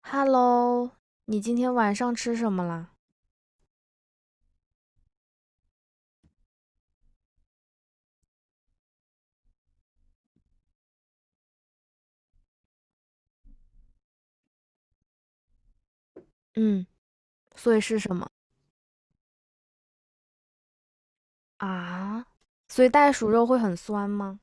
Hello，你今天晚上吃什么啦？嗯，所以是什么啊？所以袋鼠肉会很酸吗？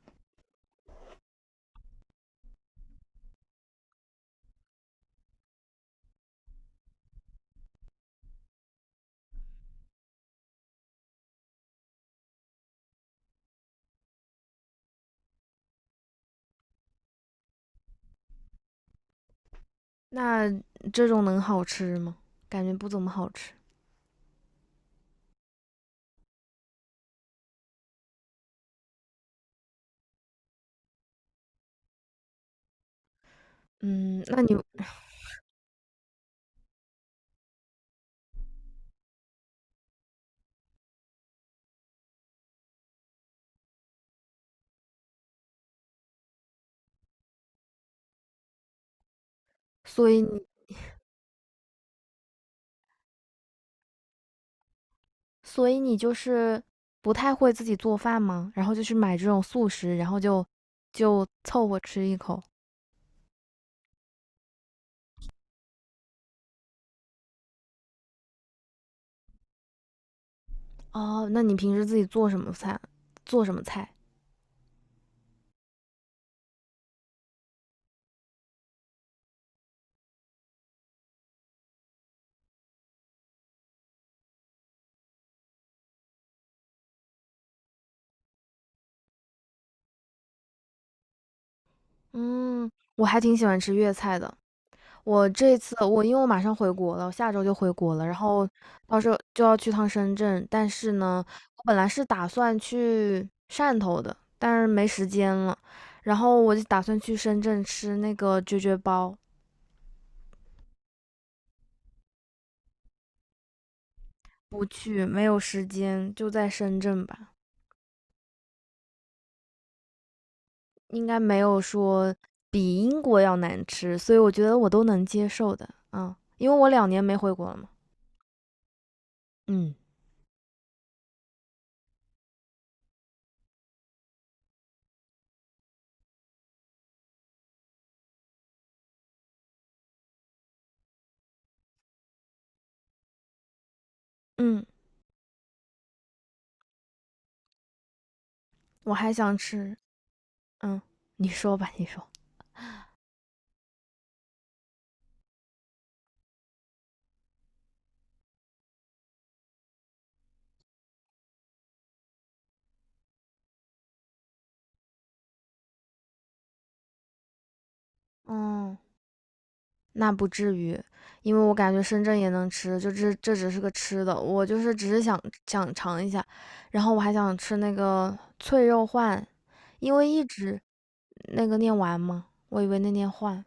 那这种能好吃吗？感觉不怎么好吃。嗯，那你，所以你，所以你就是不太会自己做饭吗？然后就去买这种速食，然后就凑合吃一口。哦，那你平时自己做什么菜？做什么菜？嗯，我还挺喜欢吃粤菜的。我这次我因为我马上回国了，我下周就回国了，然后到时候就要去趟深圳。但是呢，我本来是打算去汕头的，但是没时间了。然后我就打算去深圳吃那个啫啫包，不去，没有时间，就在深圳吧。应该没有说比英国要难吃，所以我觉得我都能接受的。啊，因为我两年没回国了嘛。嗯嗯，我还想吃。嗯，你说吧，你说。嗯。那不至于，因为我感觉深圳也能吃，就这只是个吃的，我就是只是想尝一下，然后我还想吃那个脆肉鲩，因为一直那个念完吗？我以为那念鲩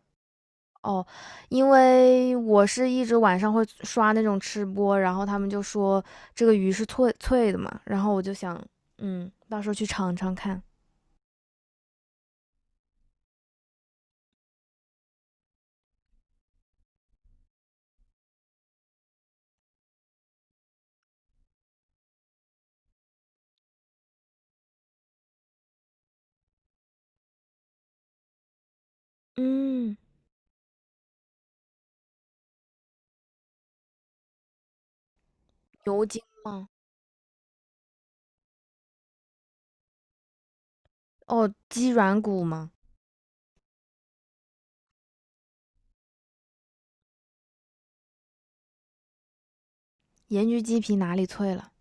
哦，因为我是一直晚上会刷那种吃播，然后他们就说这个鱼是脆脆的嘛，然后我就想，嗯，到时候去尝尝看，嗯，牛筋哦，鸡软骨吗？盐焗鸡皮哪里脆了？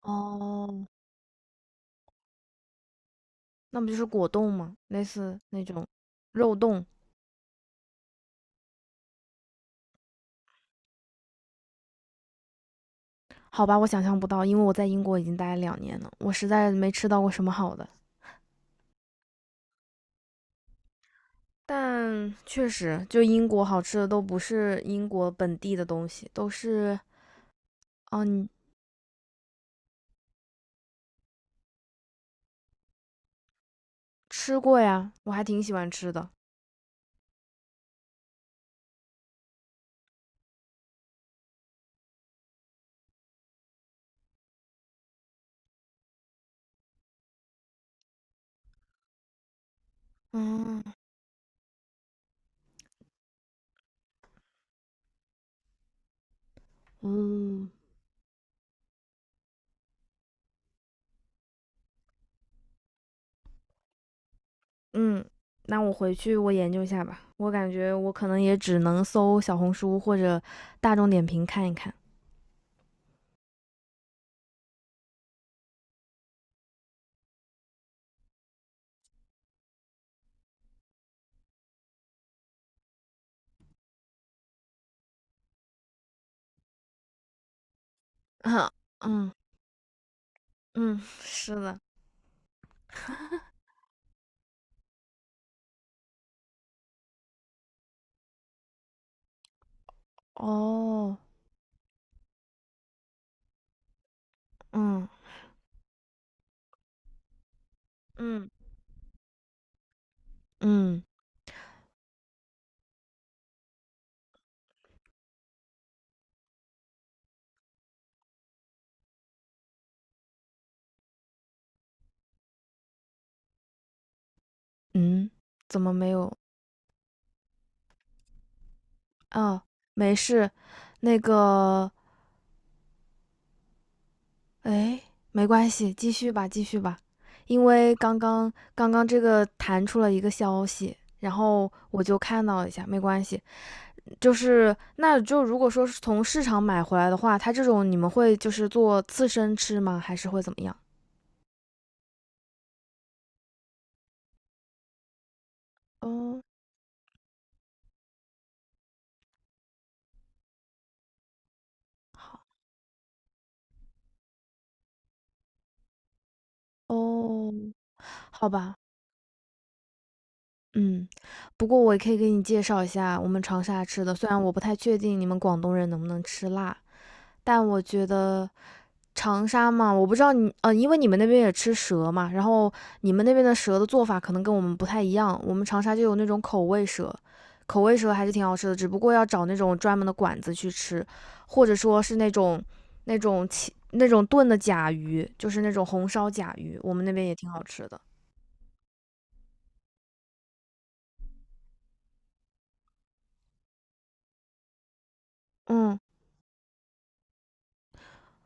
哦，那不就是果冻吗？类似那种肉冻？好吧，我想象不到，因为我在英国已经待了两年了，我实在没吃到过什么好的。但确实，就英国好吃的都不是英国本地的东西，都是嗯，你吃过呀？我还挺喜欢吃的。嗯嗯，嗯，那我回去我研究一下吧。我感觉我可能也只能搜小红书或者大众点评看一看。嗯嗯嗯，是的。哦，嗯，嗯嗯嗯，怎么没有？啊？没事，那个，哎，没关系，继续吧，继续吧。因为刚刚这个弹出了一个消息，然后我就看到了一下，没关系。就是那就如果说是从市场买回来的话，它这种你们会就是做刺身吃吗？还是会怎么样？哦哦，好吧。嗯，不过我也可以给你介绍一下我们长沙吃的，虽然我不太确定你们广东人能不能吃辣，但我觉得长沙嘛，我不知道你，因为你们那边也吃蛇嘛，然后你们那边的蛇的做法可能跟我们不太一样，我们长沙就有那种口味蛇，口味蛇还是挺好吃的，只不过要找那种专门的馆子去吃，或者说是那种切那种炖的甲鱼，就是那种红烧甲鱼，我们那边也挺好吃的。嗯，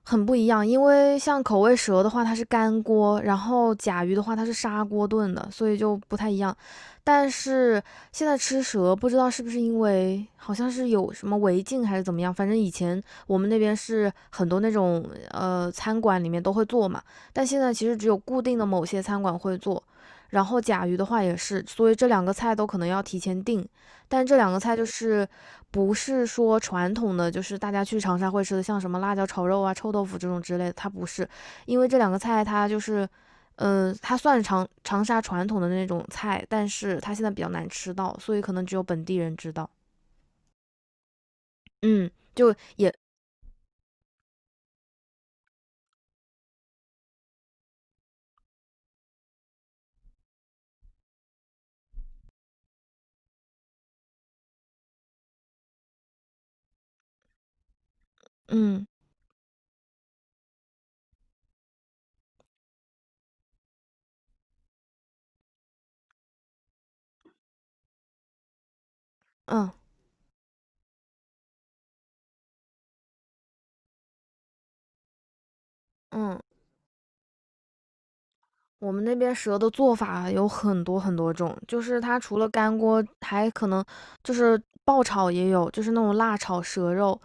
很不一样，因为像口味蛇的话，它是干锅，然后甲鱼的话，它是砂锅炖的，所以就不太一样。但是现在吃蛇，不知道是不是因为好像是有什么违禁还是怎么样，反正以前我们那边是很多那种餐馆里面都会做嘛，但现在其实只有固定的某些餐馆会做。然后甲鱼的话也是，所以这两个菜都可能要提前订，但这两个菜就是不是说传统的就是大家去长沙会吃的，像什么辣椒炒肉啊、臭豆腐这种之类的，它不是，因为这两个菜它就是，它算长沙传统的那种菜，但是它现在比较难吃到，所以可能只有本地人知道。嗯，就也，嗯嗯嗯。我们那边蛇的做法啊有很多很多种，就是它除了干锅，还可能就是爆炒也有，就是那种辣炒蛇肉，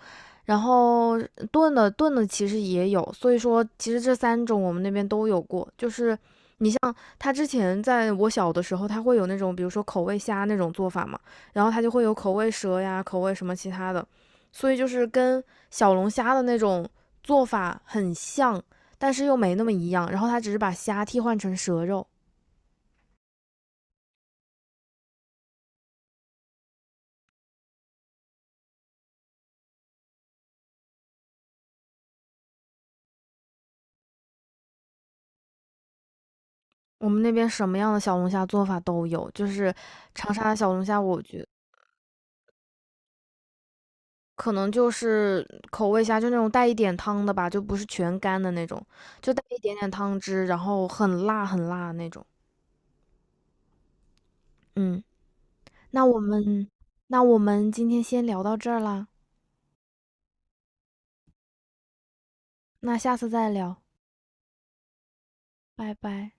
然后炖的其实也有，所以说其实这三种我们那边都有过。就是你像它之前在我小的时候，它会有那种比如说口味虾那种做法嘛，然后它就会有口味蛇呀、口味什么其他的，所以就是跟小龙虾的那种做法很像，但是又没那么一样。然后他只是把虾替换成蛇肉。我们那边什么样的小龙虾做法都有，就是长沙的小龙虾，我觉得可能就是口味虾，就那种带一点汤的吧，就不是全干的那种，就带一点点汤汁，然后很辣很辣那种。嗯，那我们那我们今天先聊到这儿啦，那下次再聊，拜拜。